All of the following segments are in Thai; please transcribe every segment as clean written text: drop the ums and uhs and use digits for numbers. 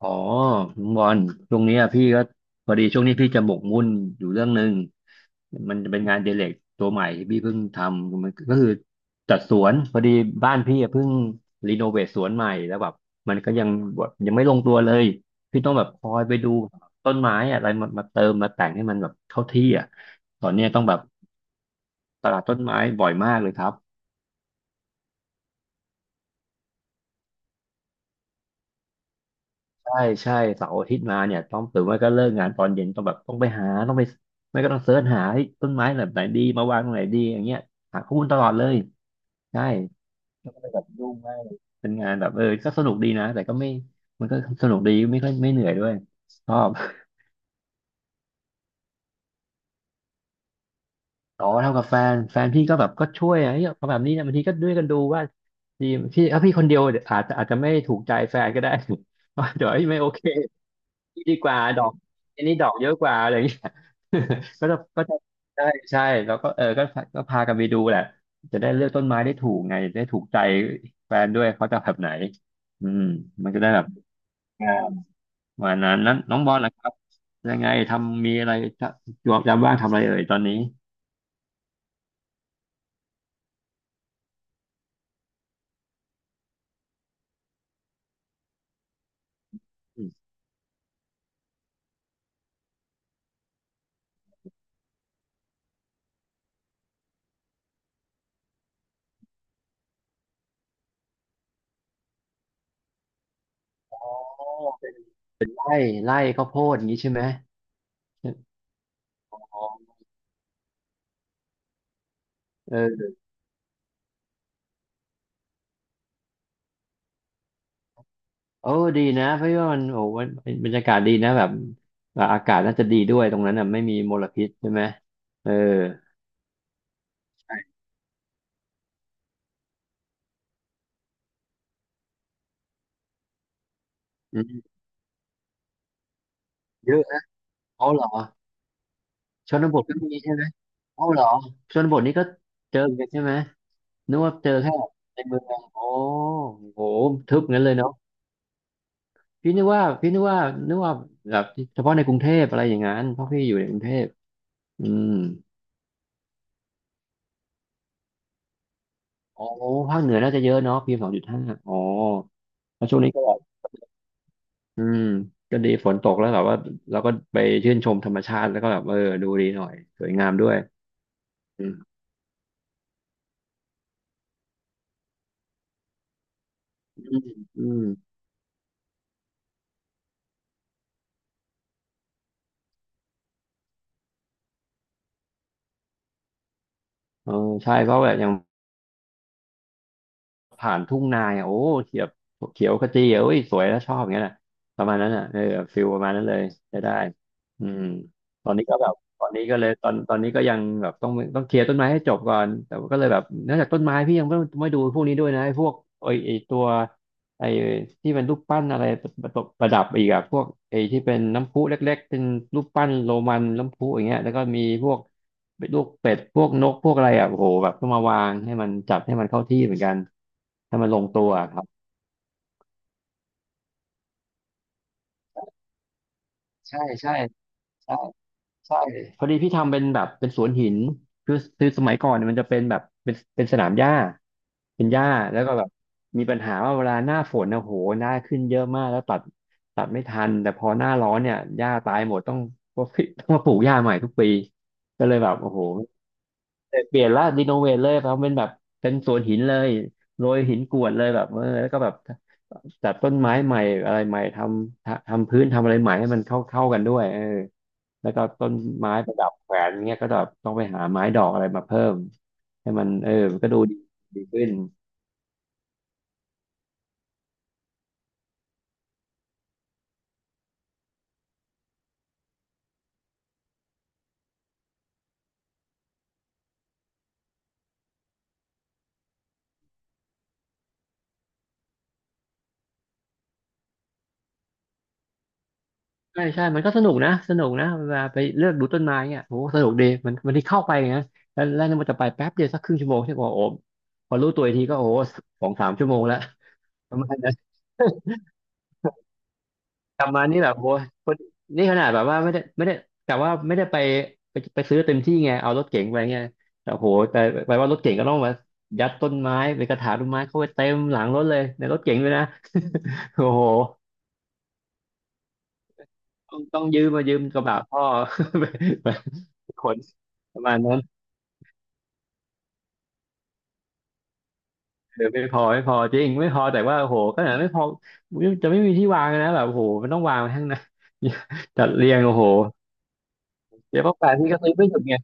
อ๋อลุงบอลช่วงเนี้ยพี่ก็พอดีช่วงนี้พี่จะหมกมุ่นอยู่เรื่องหนึ่งมันจะเป็นงานเดเล็กตัวใหม่ที่พี่เพิ่งทำมันก็คือจัดสวนพอดีบ้านพี่อะเพิ่งรีโนเวทสวนใหม่แล้วแบบมันก็ยังแบบยังไม่ลงตัวเลยพี่ต้องแบบคอยไปดูต้นไม้อะไรมามาเติมมาแต่งให้มันแบบเข้าที่อ่ะตอนเนี้ยต้องแบบตลาดต้นไม้บ่อยมากเลยครับ ใช่ใช่เสาร์อาทิตย์มาเนี่ยต้องหือไม่าก็เลิกงานตอนเย็นต้องแบบต้องไปหาต้องไปไม่ก็ต้องเสิร์ชหาเฮ้ยต้นไม้แบบไหนดีมาวางตรงไหนดีอย่างเงี้ยหาข้อมูลตลอดเลยใช่แล้วก็เลยแบบยุ่งมากเลยเป็นงานแบบเออก็สนุกดีนะแต่ก็ไม่มันก็สนุกดีไม่ค่อยไม่เหนื่อยด้วยชอบ ต่อเท่ากับแฟนแฟนพี่ก็แบบก็ช่วยอะเฮ้ยเอาแบบนี้นะบางทีก็ด้วยกันดูว่าดีพี่ถ้าพี่คนเดียวอาจจะไม่ถูกใจแฟนก็ได้ ว่าเดี๋ยวเอ้ยไม่โอเค ดีกว่าดอกอันนี้ดอกเยอะกว่าอะไรอย่างเงี้ย ก็จะใช่ใช่แล้วก็เออก็พากันไปดูแหละจะได้เลือกต้นไม้ได้ถูกไงได้ถูกใจแฟนด้วยเขาจะแบบไหนอืมมันจะได้แบบอ่าวันนั้นนั้นน้องบอลนะครับยังไงทำมีอะไรจะจวบจำบ้างทำอะไรเอ่ยตอนนี้อมอ๋อเป็นไร่ไร่ข้าวโพดอย่างนี้ใช่ไหมอ๋อเออ โอ้ดีนะเพราะว่ามันโอ้มันบรรยากาศดีนะแบบแบบอากาศน่าจะดีด้วยตรงนั้นอ่ะไม่มีมลพิษใช่ไหมเออใช่อืมเยอะนะเอาเหรอชนบทก็มีใช่ไหมเอาเหรอชนบทนี่ก็เจอเหมือนกันใช่ไหมนึกว่าเจอแค่ในเมืองโอ้โหทึบงั้นเลยเนาะพี่นึกว่านึกว่าแบบเฉพาะในกรุงเทพอะไรอย่างนั้นเพราะพี่อยู่ในกรุงเทพอืมโอ้ภาคเหนือน่าจะเยอะเนาะพีเอ็มสองจุดห้าอ๋อแล้วช่วงนี้ก็ อืมก็ดีฝนตกแล้วแบบว่าเราก็ไปชื่นชมธรรมชาติแล้วก็แบบเออดูดีหน่อยสวยงามด้วยอืมอืมอืมเออใช่เพราะแบบอย่าง ผ่านทุ่งนาอ่ะโอ้เขียวเขียวขจีอ่ะโอ้ยสวยแล้วชอบอย่างเงี้ยนะประมาณนั้นอ่ะเออฟิลประมาณนั้นเลยได้ได้อืมตอนนี้ก็แบบตอนนี้ก็เลยตอนตอนนี้ก็ยังแบบต้องเคลียร์ต้นไม้ให้จบก่อนแต่ว่าก็เลยแบบนอกจากต้นไม้พี่ยังไม่ไม่ดูพวกนี้ด้วยนะไอ้พวกไอ้ไอ้ตัวไอ้ที่เป็นรูปปั้นอะไรประดับอีกอะพวกไอ้ที่เป็นน้ำพุเล็กๆเป็นรูปปั้นโรมันน้ำพุอย่างเงี้ยแล้วก็มีพวก เป็นลูกเป็ดพวกนกพวกอะไรอ่ะโอ้โหแบบต้องมาวางให้มันจัดให้มันเข้าที่เหมือนกันให้มันลงตัวครับใช่ใช่ใช่ใช่พอดีพี่ทำเป็นแบบเป็นสวนหินคือสมัยก่อนเนี่ยมันจะเป็นแบบเป็นสนามหญ้าเป็นหญ้าแล้วก็แบบมีปัญหาว่าเวลาหน้าฝนนะโหหน้าขึ้นเยอะมากแล้วตัดตัดไม่ทันแต่พอหน้าร้อนเนี่ยหญ้าตายหมดต้องมาปลูกหญ้าใหม่ทุกปีก็เลยแบบโอ้โห เปลี่ยนละรีโนเวทเลยเพราะเป็นแบบเป็นสวนหินเลยโรยหินกรวดเลยแบบเออแล้วก็แบบจัดต้นไม้ใหม่อะไรใหม่ทำพื้นทำอะไรใหม่ให้มันเข้ากันด้วยเออแล้วก็ต้นไม้ประดับแขวนเงี้ยก็แบบต้องไปหาไม้ดอกอะไรมาเพิ่มให้มันเออมันก็ดูดีดีขึ้นใช่ใช่มันก็สนุกนะสนุกนะเวลาไปเลือกดูต้นไม้เงี้ยโอ้สนุกดีมันที่เข้าไปนะแล้วเนี่ยมันจะไปแป๊บเดียวสักครึ่งชั่วโมงใช่ป่ะโอ้โหพอรู้ตัวอีกทีก็โอ้โหสองสามชั่วโมงแล้วประมาณนั้น กลับมานี่แบบโว้ยนี่ขนาดแบบว่าไม่ได้กะว่าไม่ได้ไปไปซื้อเต็มที่ไงเอารถเก๋งไปไงแต่โหแต่แปลว่ารถเก๋งก็ต้องมายัดต้นไม้ไปกระถางต้นไม้เข้าไปเต็มหลังรถเลยในรถเก๋งเลยนะโอ้โหต้องยืมมายืมกระบะพ่อ ไปไปขนประมาณนั้นเออไม่พอไม่พอจริงไม่พอแต่ว่าโอ้โหขนาดไม่พอจะไม่มีที่วางนะแบบโอ้โหมันต้องวางไว้ข้างในา จัดเรียงโอ้โหเดี๋ยวพอแปะที่ก็ซื้อไม่หยุดไง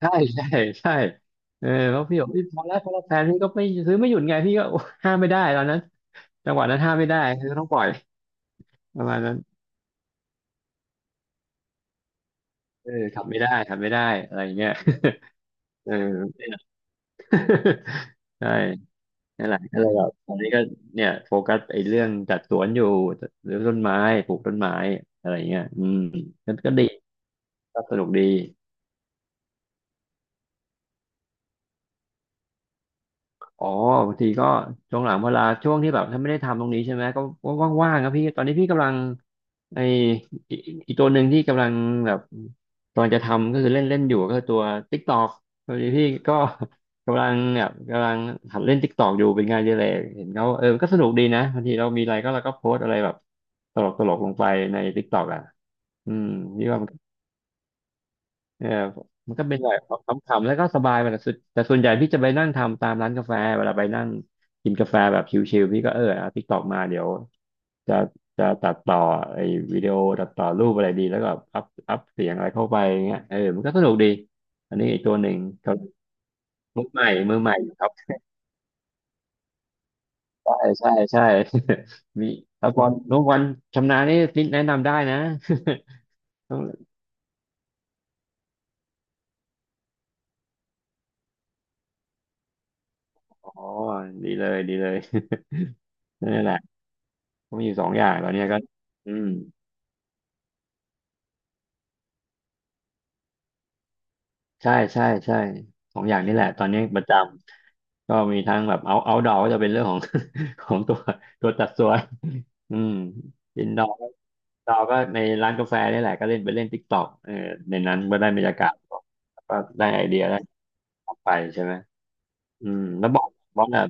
ใช่ ใช่ใช่เออแล้วพี่บอกพี่พอแล้วพอแล้วแฟนพี่ก็ไม่ซื้อไม่หยุดไงพี่ก็โอ้ห้ามไม่ได้ตอนนั้นจังหวะนั้นห้ามไม่ได้คือต้องปล่อยประมาณนั้นเออขับไม่ได้ขับไม่ได้อะไรอย่างเงี้ยเออ ใช่นั่นแหละก็เลยแบบตอนนี้ก็เนี่ยโฟกัสไอ้เรื่องจัดสวนอยู่หรือต้นไม้ปลูกต้นไม้อะไรอย่างเงี้ยอืมก็ดีก็สนุกดี อ๋อบางทีก็ช่วงหลังเวลาช่วงที่แบบถ้าไม่ได้ทำตรงนี้ใช่ไหมก็ก็ว่างๆครับพี่ตอนนี้พี่กำลังไออีอีกตัวหนึ่งที่กำลังแบบตอนจะทำก็คือเล่นเล่นอยู่ก็คือตัว TikTok พอดีพี่ก็ กำลังแบบกำลังหัดเล่น TikTok อยู่เป็นงานอดีเลยเห็นเขาเออมันก็สนุกดีนะบางทีเรามีอะไรก็เราก็โพสต์อะไรแบบตลกลงไปใน TikTok อ่ะอืมพี่ว่ามัน เออมันก็เป็นแบบขำๆแล้วก็สบายไปแต่สุดแต่ส่วนใหญ่พี่จะไปนั่งทำตามร้านกาแฟเวลาไปนั่งกินกาแฟแบบชิลๆพี่ก็เออเอาติ๊กตอกมาเดี๋ยวจะจะตัดต่อไอ้วิดีโอตัดต่อรูปอะไรดีแล้วก็อัพเสียงอะไรเข้าไปอย่างเงี้ยเออมันก็สนุกดีอันนี้อีกตัวหนึ่งเขามือใหม่ครับใช่ใช่ใช่ มีแล้วพอน้องวันชำนาญนี่แนะนำได้นะ ต้องอ๋อดีเลยดีเลย นั่นแหละก็มีอยู่สองอย่างตอนเนี้ยก็อืม ใช่ใช่สองอย่างนี้แหละตอนนี้ประจำก็มีทั้งแบบเอาดอก็จะเป็นเรื่องของ ของตัวจัดสวนอืมอินดอร์ดอก็ในร้านกาแฟนี่แหละก็เล่นไปเล่นติ๊กต็อกเออในนั้นก็ได้บรรยากาศแล้วก็ได้ไอเดียได้ออกไปใช่ไหมอืมแล้วบอกบอกแบบ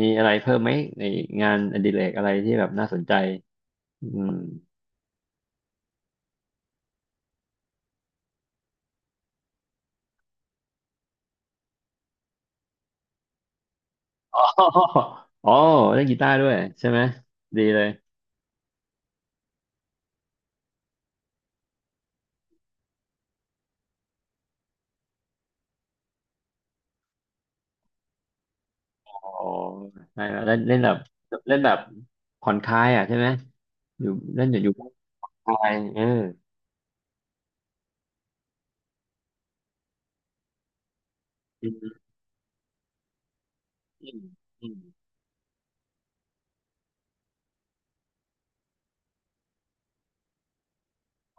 มีอะไรเพิ่มไหมในงานอดิเรกอะไรที่แบบน่าสนใจอืม อ๋ออ๋อเล่นกีตาร์ด้วยใช่ไหมดีเลย อ๋อใช่แล้วเล่นเล่นแบบเล่นแบบผ่อนคลายอ่ะใช่ไหมอยู่เล่นอยู่บ้านคลายเอออืมอืมอืม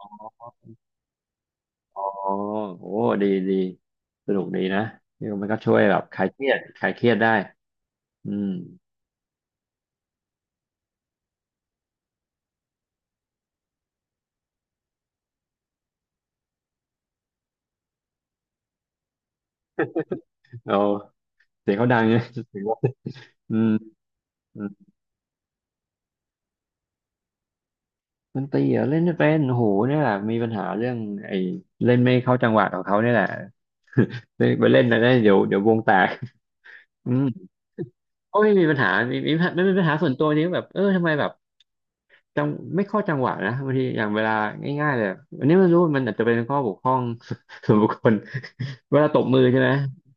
อ๋ออ๋อโอ้ดีดีสนุกดีนะนี่มันก็ช่วยแบบคลายเครียดคลายเครียดได้อืมเราเสียงเขาดัง เนี่ยงว่าอืมอืมดนตรีเหรอเล่นไม่เป็นโอ้โหเนี่ยแหละมีปัญหาเรื่องไอ้เล่นไม่เข้าจังหวะของเขาเนี่ยแหละไปไปเล่นนะเดี๋ยววงแตก อืมก็ไม่มีปัญหามีมีปัญหาไม่เป็นปัญหาส่วนตัวนี้แบบเออทำไมแบบ จังไม่เข้าจังหวะนะบางทีอย่างเวลาง่ายๆเลยอันนี้ไม่รู้มันอาจจะเป็นข้อบกพร่อง ส่วนบุคคลเวลาตบมือใช่ไหม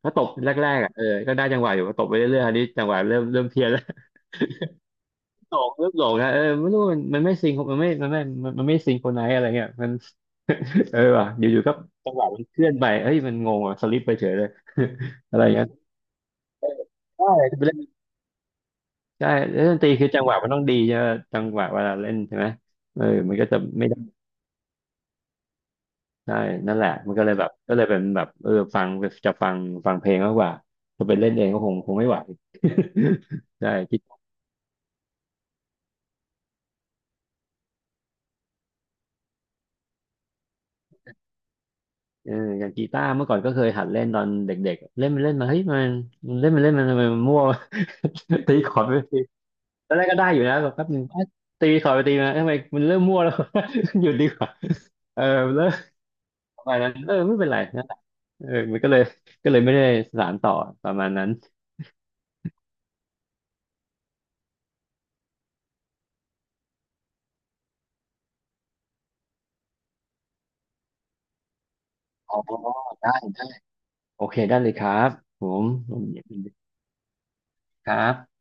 ถ้าตบแรกๆอ่ะเออก็ได้จังหวะอยู่พอตบไปเรื่อยๆอันนี้จังหวะเริ่มเพี้ยนแล้ว หลงเริ่มหลงนะเออไม่รู้มันไม่ซิงค์มันไม่ซิงโคนไหนซ์อะไรเงี้ยมันเออว่ะอยู่ๆก็จังหวะมันเคลื่อนไปเฮ้ยมันงงอ่ะสลิปไปเฉยเลย อะไรเงี้ยใช่ไปเล่นใช่เล่นดนตรีคือจังหวะมันต้องดีใช่ไหมจังหวะเวลาเล่นใช่ไหมเออมันก็จะไม่ได้ ใช่นั่นแหละมันก็เลยแบบก็เลยเป็นแบบเออฟังจะฟังฟังเพลงมากกว่าจะไปเล่นเองก็คงไม่ไหว ใช่คิดเอออย่างกีตาร์เมื่อก่อนก็เคยหัดเล่นตอนเด็กๆเล่นไปเล่นมาเฮ้ยมันมันเล่นไปเล่นมันทำไมมันมั่ว ตีคอร์ดไปตีตอนแรกก็ได้อยู่นะแบบแป๊บนึงเอ๊ะตีคอร์ดไปตีมาทำไมมันเริ่มมั่วแล้ว หยุดดีกว่าเออเลิกประมาณนั้นเออไม่เป็นไรนั่นแหละเออมันก็เลยก็เลยไม่ได้สานต่อประมาณนั้นอ๋อได้ได้โอเคได้เลยครับผมผมยินดีครับ